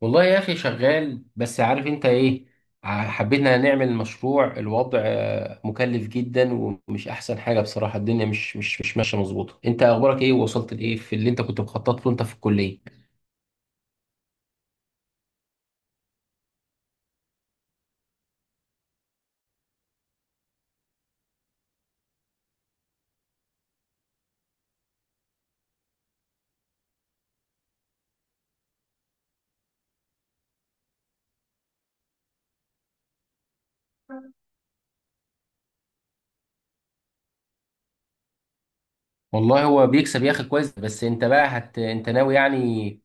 والله يا اخي شغال، بس عارف انت ايه. حبينا نعمل مشروع. الوضع مكلف جدا، ومش احسن حاجه بصراحه. الدنيا مش ماشيه مظبوطه. انت اخبارك ايه؟ ووصلت لايه في اللي انت كنت مخطط له انت في الكليه؟ والله هو بيكسب يا اخي كويس. بس انت بقى انت ناوي يعني،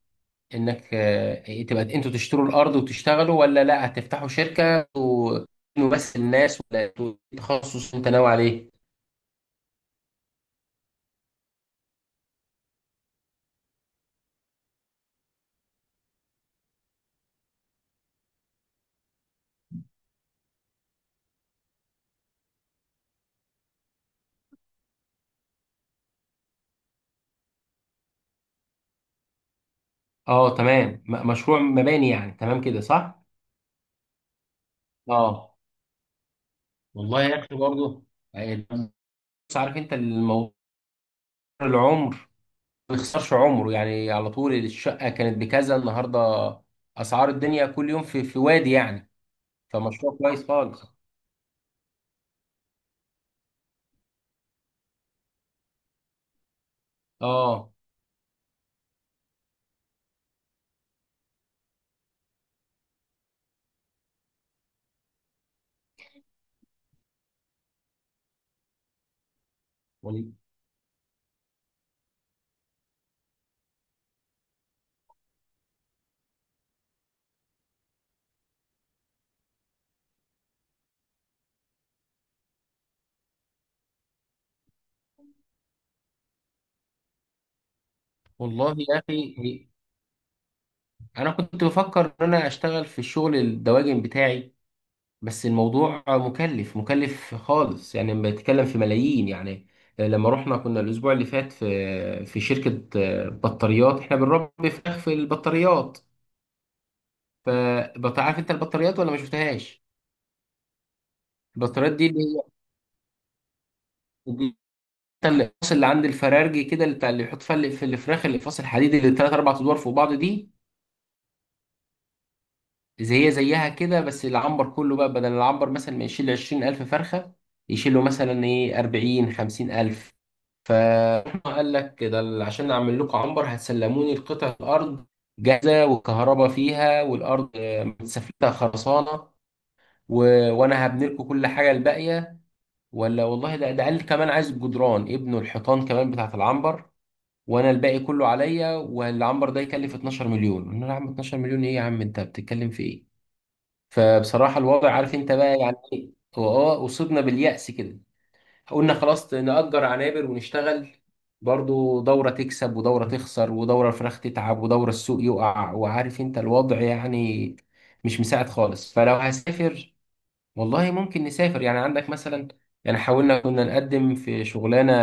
انك آه، إيه، تبقى انتوا تشتروا الارض وتشتغلوا، ولا لا هتفتحوا شركه. بس الناس، ولا إنتوا، إيه التخصص اللي انت ناوي عليه؟ اه تمام. مشروع مباني يعني، تمام كده صح؟ اه، والله يا اخي برضه، يعني. بس عارف انت الموضوع، العمر ما يخسرش عمره يعني. على طول الشقه كانت بكذا، النهارده اسعار الدنيا كل يوم في وادي يعني. فمشروع كويس خالص. اه. وال- والله يا اخي، انا كنت بفكر ان انا اشتغل في الشغل الدواجن بتاعي، بس الموضوع مكلف مكلف خالص يعني. بتكلم في ملايين يعني. لما رحنا كنا الاسبوع اللي فات في شركه بطاريات، احنا بنربي فراخ في البطاريات. عارف انت البطاريات ولا ما شفتهاش؟ البطاريات دي اللي هي دي الاقفاص اللي عند الفرارجي كده، اللي بتاع اللي بيحط فيها، اللي في الفراخ، الاقفاص الحديد اللي ثلاث اربع ادوار فوق بعض دي. زي هي زيها كده، بس العنبر كله بقى، بدل العنبر مثلا ما يشيل 20000 فرخه، يشيل له مثلا ايه، 40 50000. فقال لك، ده عشان اعمل لكم عنبر هتسلموني القطع، الارض جاهزه والكهرباء فيها والارض متسفلتها خرسانه و... وانا هبني لكم كل حاجه الباقيه. ولا والله ده قال كمان عايز بجدران ابنه الحيطان كمان بتاعت العنبر، وانا الباقي كله عليا. والعنبر ده يكلف 12 مليون. قلنا له، يا عم 12 مليون، ايه يا عم؟ انت بتتكلم في ايه؟ فبصراحة الوضع عارف انت بقى يعني ايه. هو اصبنا باليأس كده. قلنا خلاص نأجر عنابر ونشتغل. برضو دورة تكسب ودورة تخسر ودورة الفراخ تتعب ودورة السوق يقع، وعارف انت الوضع يعني، مش مساعد خالص. فلو هسافر، والله ممكن نسافر يعني. عندك مثلا، يعني حاولنا كنا نقدم في شغلانة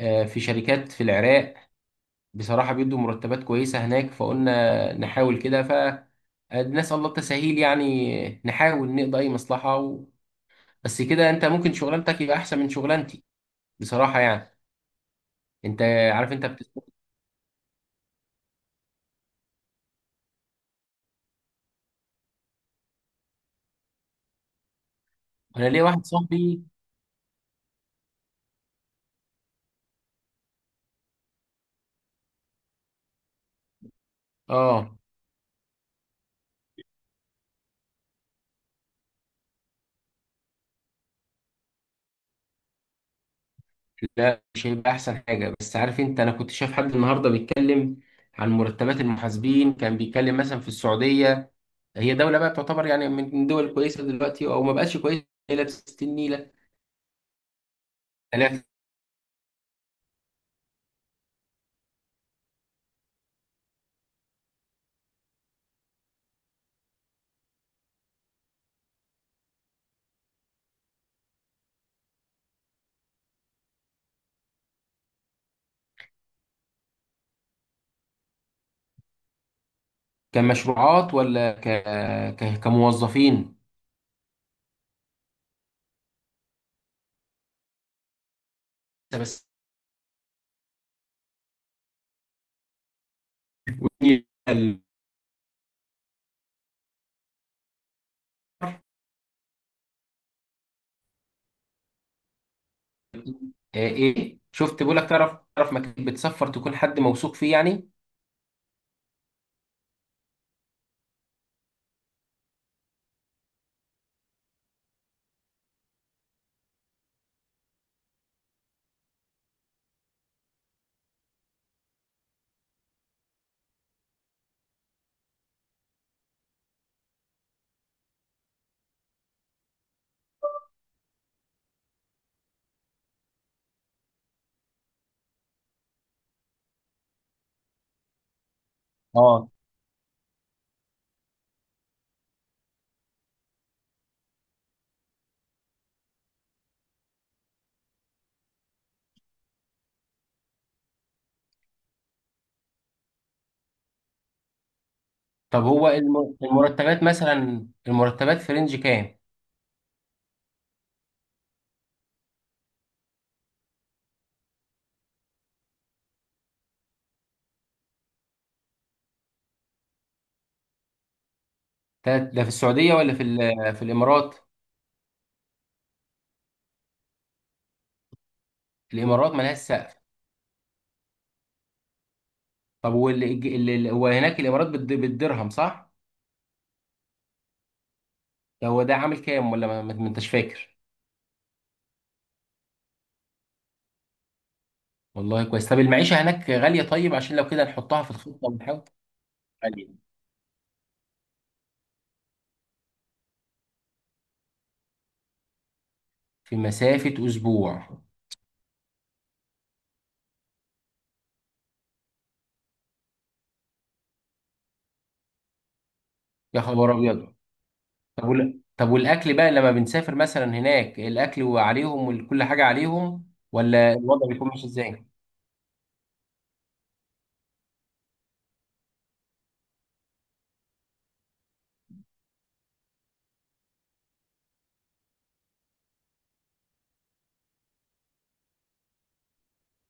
في شركات في العراق. بصراحة بيدوا مرتبات كويسة هناك. فقلنا نحاول كده، فنسأل الله التسهيل يعني. نحاول نقضي أي مصلحة. بس كده أنت ممكن شغلانتك يبقى أحسن من شغلانتي بصراحة، يعني أنت عارف أنت أنا ليه واحد صاحبي. آه لا، مش هيبقى أحسن حاجة. بس عارف أنت، أنا كنت شايف حد النهاردة بيتكلم عن مرتبات المحاسبين. كان بيتكلم مثلا في السعودية. هي دولة بقى بتعتبر يعني من الدول الكويسة دلوقتي، أو ما بقتش كويسة، هي لابسة النيلة. لا، كمشروعات ولا كموظفين؟ بس. والنيلة آه، إيه شفت، بقول لك، تعرف؟ تعرف مكان بتسفر تكون حد موثوق فيه يعني؟ اه. طب هو المرتبات مثلا، المرتبات في رينج كام؟ ده ده في السعودية ولا في في الإمارات؟ الإمارات ملهاش سقف. طب هو هناك الإمارات بالدرهم صح؟ يعني هو ده عامل كام؟ ولا ما انتش فاكر؟ والله كويس. طب المعيشة هناك غالية؟ طيب عشان لو كده نحطها في الخطة ونحاول. غالية. في مسافة أسبوع. يا خبر أبيض. طب طب والأكل بقى لما بنسافر مثلا هناك، الأكل وعليهم، وكل حاجة عليهم، ولا الوضع بيكون ماشي إزاي؟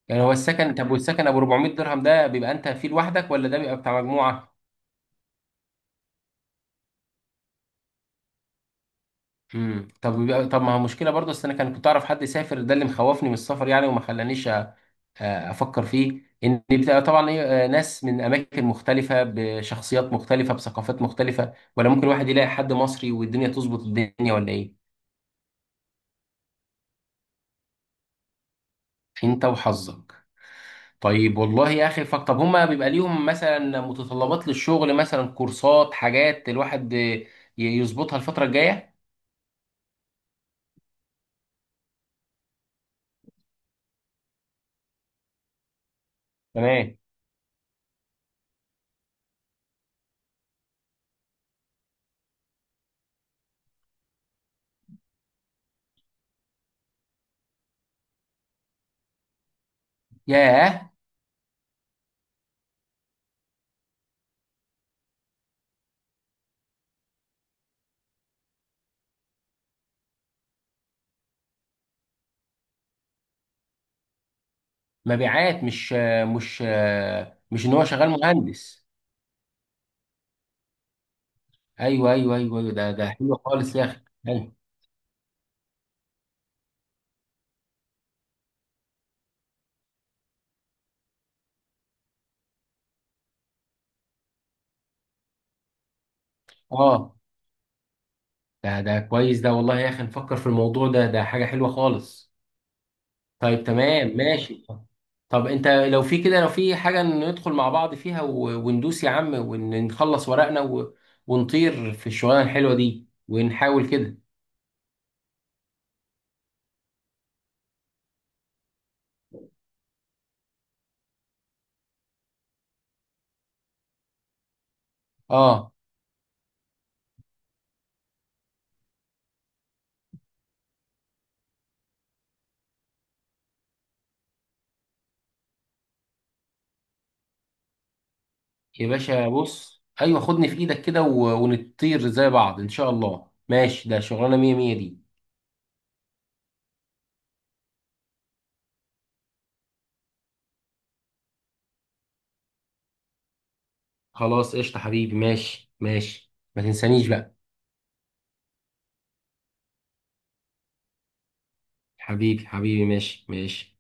يعني هو السكن، طب والسكن أبو 400 درهم ده بيبقى أنت فيه لوحدك، ولا ده بيبقى بتاع مجموعة؟ طب طب ما هو مشكلة برضه. أصل أنا كنت أعرف حد يسافر، ده اللي مخوفني من السفر يعني. وما خلانيش افكر فيه، ان بتبقى طبعا ايه، ناس من اماكن مختلفه بشخصيات مختلفه بثقافات مختلفه، ولا ممكن واحد يلاقي حد مصري والدنيا تظبط الدنيا، ولا ايه؟ انت وحظك. طيب، والله يا اخي فك. طب هما بيبقى ليهم مثلا متطلبات للشغل، مثلا كورسات، حاجات الواحد يظبطها الفتره الجايه؟ تمام. ياه. مبيعات، مش ان هو شغال مهندس؟ ايوه ايوه ايوه، أيوة، ده حلو خالص يا اخي، حلو. اه. ده كويس، ده والله يا اخي نفكر في الموضوع ده، ده حاجة حلوة خالص. طيب تمام ماشي. طب انت لو في كده، لو في حاجة ندخل مع بعض فيها، وندوس يا عم، ونخلص ورقنا، ونطير في الشغلانة الحلوة دي، ونحاول كده. اه يا باشا، بص، ايوه خدني في ايدك كده، ونطير زي بعض ان شاء الله. ماشي، ده شغلانة مية مية دي. خلاص قشطة حبيبي، ماشي ماشي، ما تنسانيش بقى. حبيبي حبيبي، ماشي ماشي.